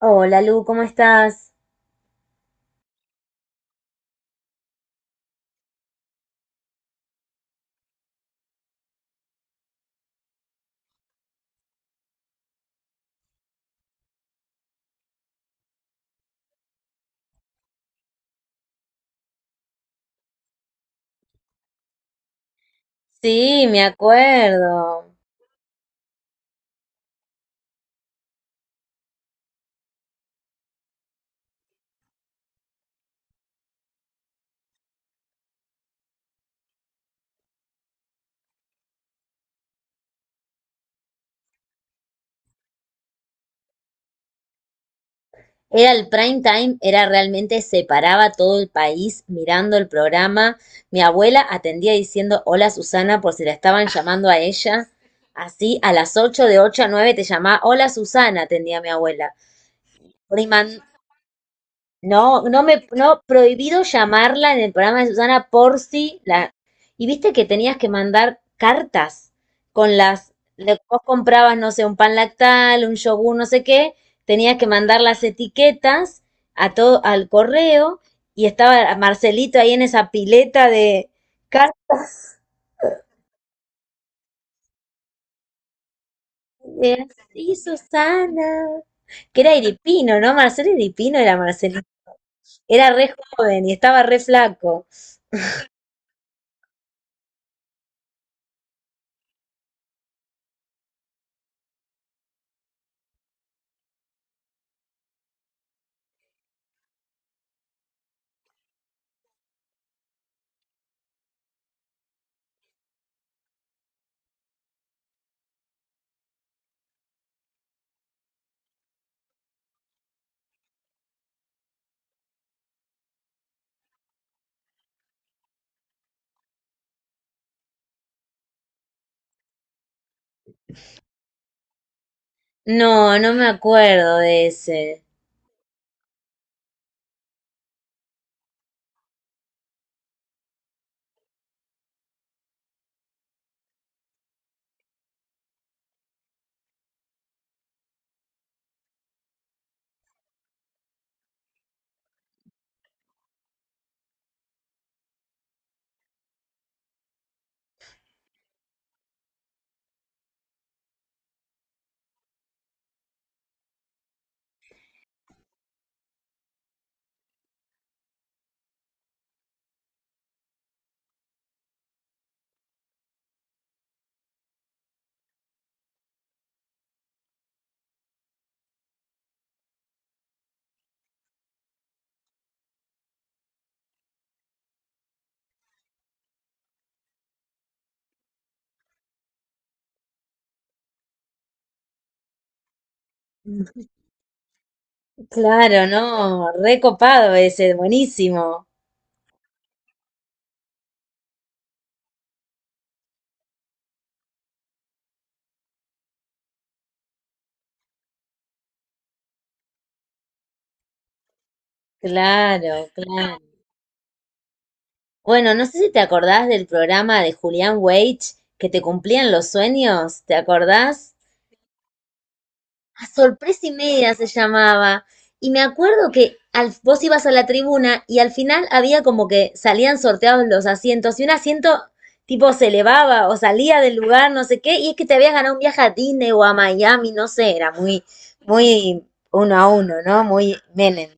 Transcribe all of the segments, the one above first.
Hola Lu, ¿cómo estás? Sí, me acuerdo. Era el prime time, era realmente, se paraba todo el país mirando el programa. Mi abuela atendía diciendo hola Susana por si la estaban llamando a ella. Así, a las ocho, de 8 a 9 te llamaba hola Susana, atendía mi abuela. No, prohibido llamarla en el programa de Susana por si la. Y viste que tenías que mandar cartas vos comprabas, no sé, un pan lactal, un yogur, no sé qué, tenías que mandar las etiquetas a todo, al correo, y estaba Marcelito ahí en esa pileta de cartas. Sí, Susana. Que era Iripino, ¿no? Marcelo Iripino era Marcelito. Era re joven y estaba re flaco. No, no me acuerdo de ese. Claro, no, recopado ese, buenísimo. Claro, claro. Bueno, no sé si te acordás del programa de Julián Weich que te cumplían los sueños, ¿te acordás? A sorpresa y media se llamaba. Y me acuerdo que al, vos ibas a la tribuna y al final había como que salían sorteados los asientos y un asiento tipo se elevaba o salía del lugar, no sé qué, y es que te habías ganado un viaje a Disney o a Miami, no sé, era muy, muy uno a uno, ¿no? Muy Menem.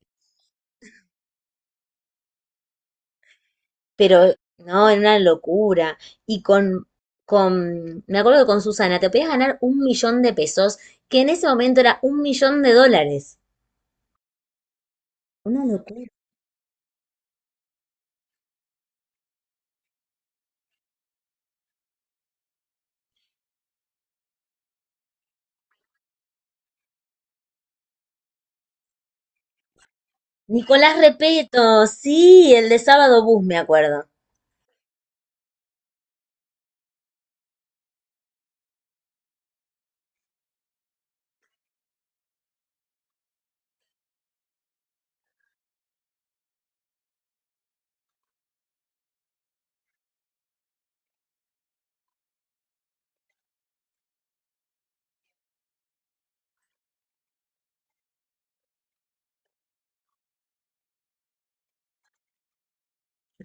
Pero, no, era una locura. Y me acuerdo que con Susana, te podías ganar 1.000.000 de pesos, que en ese momento era 1.000.000 de dólares. Una locura. Nicolás Repeto, sí, el de Sábado Bus, me acuerdo.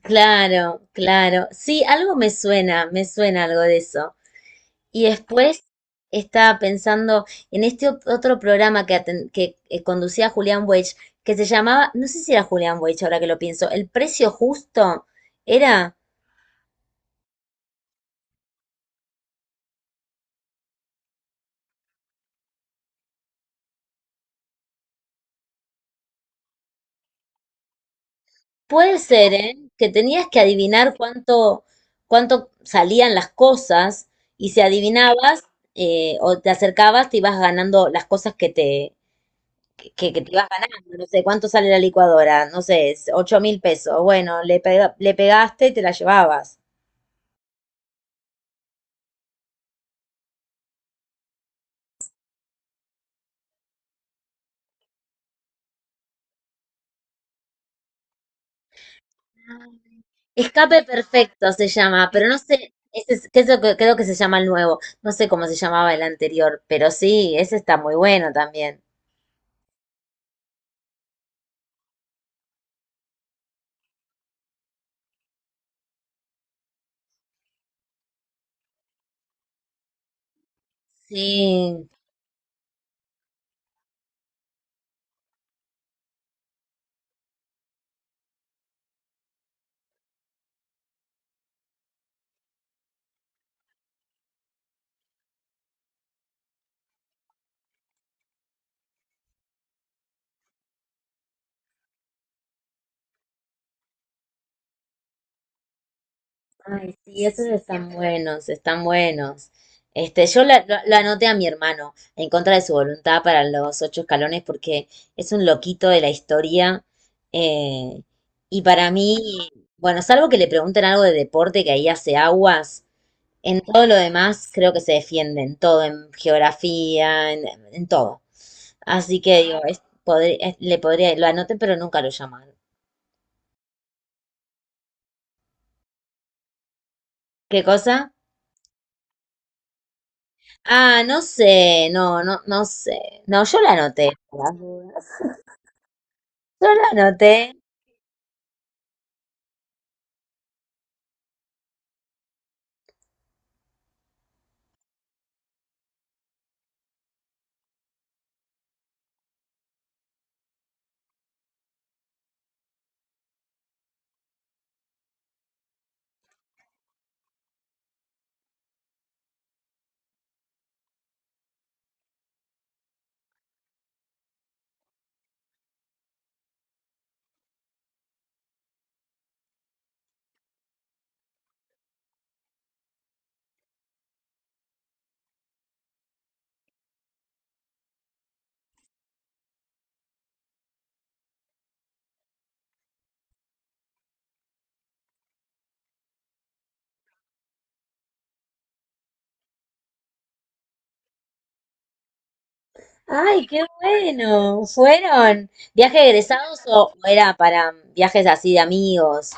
Claro, claro. Sí, algo me suena algo de eso. Y después estaba pensando en este otro programa que conducía Julián Weich, que se llamaba, no sé si era Julián Weich ahora que lo pienso, El Precio Justo, ¿era? Puede ser, ¿eh? Que tenías que adivinar cuánto salían las cosas y si adivinabas o te acercabas, te ibas ganando las cosas que te ibas ganando. No sé, ¿cuánto sale la licuadora? No sé, es 8 mil pesos. Bueno, le pegaste y te la llevabas. Escape perfecto se llama, pero no sé, ese es, que es lo que- creo que se llama el nuevo. No sé cómo se llamaba el anterior, pero sí, ese está muy bueno también. Sí. Ay, sí, esos están buenos, están buenos. Este, lo anoté a mi hermano en contra de su voluntad para los ocho escalones porque es un loquito de la historia. Eh, y para mí, bueno, salvo que le pregunten algo de deporte que ahí hace aguas, en todo lo demás creo que se defiende, en todo, en geografía, en todo. Así que digo, le podría, lo anoté, pero nunca lo llamaron. ¿Qué cosa? Ah, no sé, no, no, no sé. No, yo la anoté por las dudas. Yo la anoté. Ay, qué bueno. ¿Fueron viajes egresados o era para viajes así de amigos?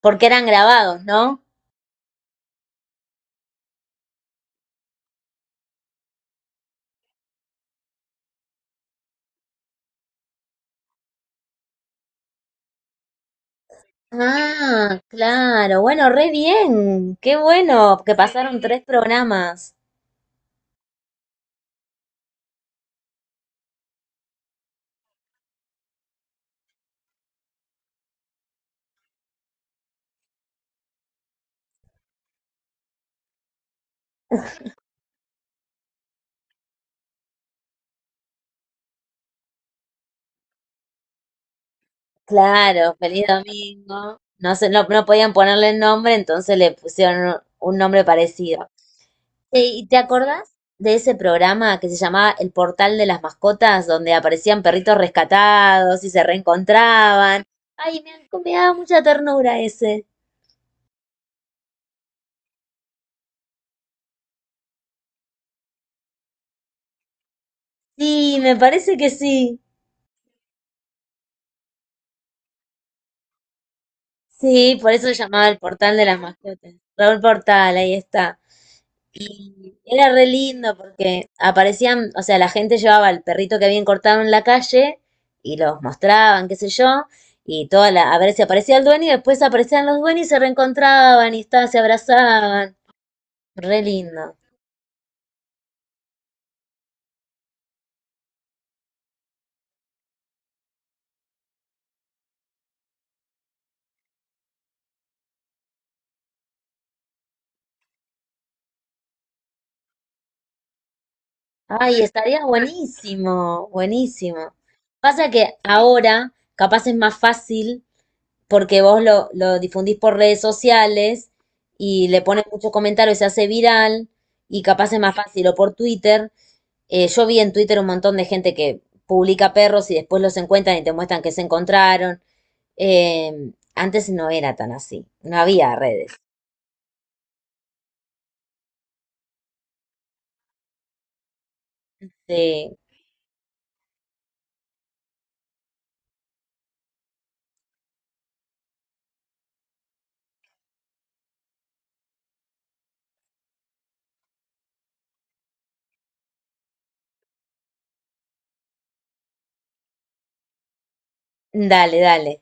¿Porque eran grabados, no? Ah, claro. Bueno, re bien. Qué bueno que pasaron tres programas. Claro, feliz domingo. No sé, no, no podían ponerle el nombre, entonces le pusieron un nombre parecido. Sí, ¿y te acordás de ese programa que se llamaba El Portal de las Mascotas, donde aparecían perritos rescatados y se reencontraban? Ay, me daba mucha ternura ese. Sí, me parece que sí. Sí, por eso se llamaba El Portal de las Mascotas. Raúl Portal, ahí está. Y era re lindo porque aparecían, o sea, la gente llevaba el perrito que habían cortado en la calle y los mostraban, qué sé yo, y toda la, a ver si aparecía el dueño y después aparecían los dueños y se reencontraban y está, se abrazaban. Re lindo. Ay, estaría buenísimo, buenísimo. Pasa que ahora capaz es más fácil porque vos lo difundís por redes sociales y le pones muchos comentarios, se hace viral y capaz es más fácil o por Twitter. Yo vi en Twitter un montón de gente que publica perros y después los encuentran y te muestran que se encontraron. Antes no era tan así, no había redes. Sí. Dale, dale.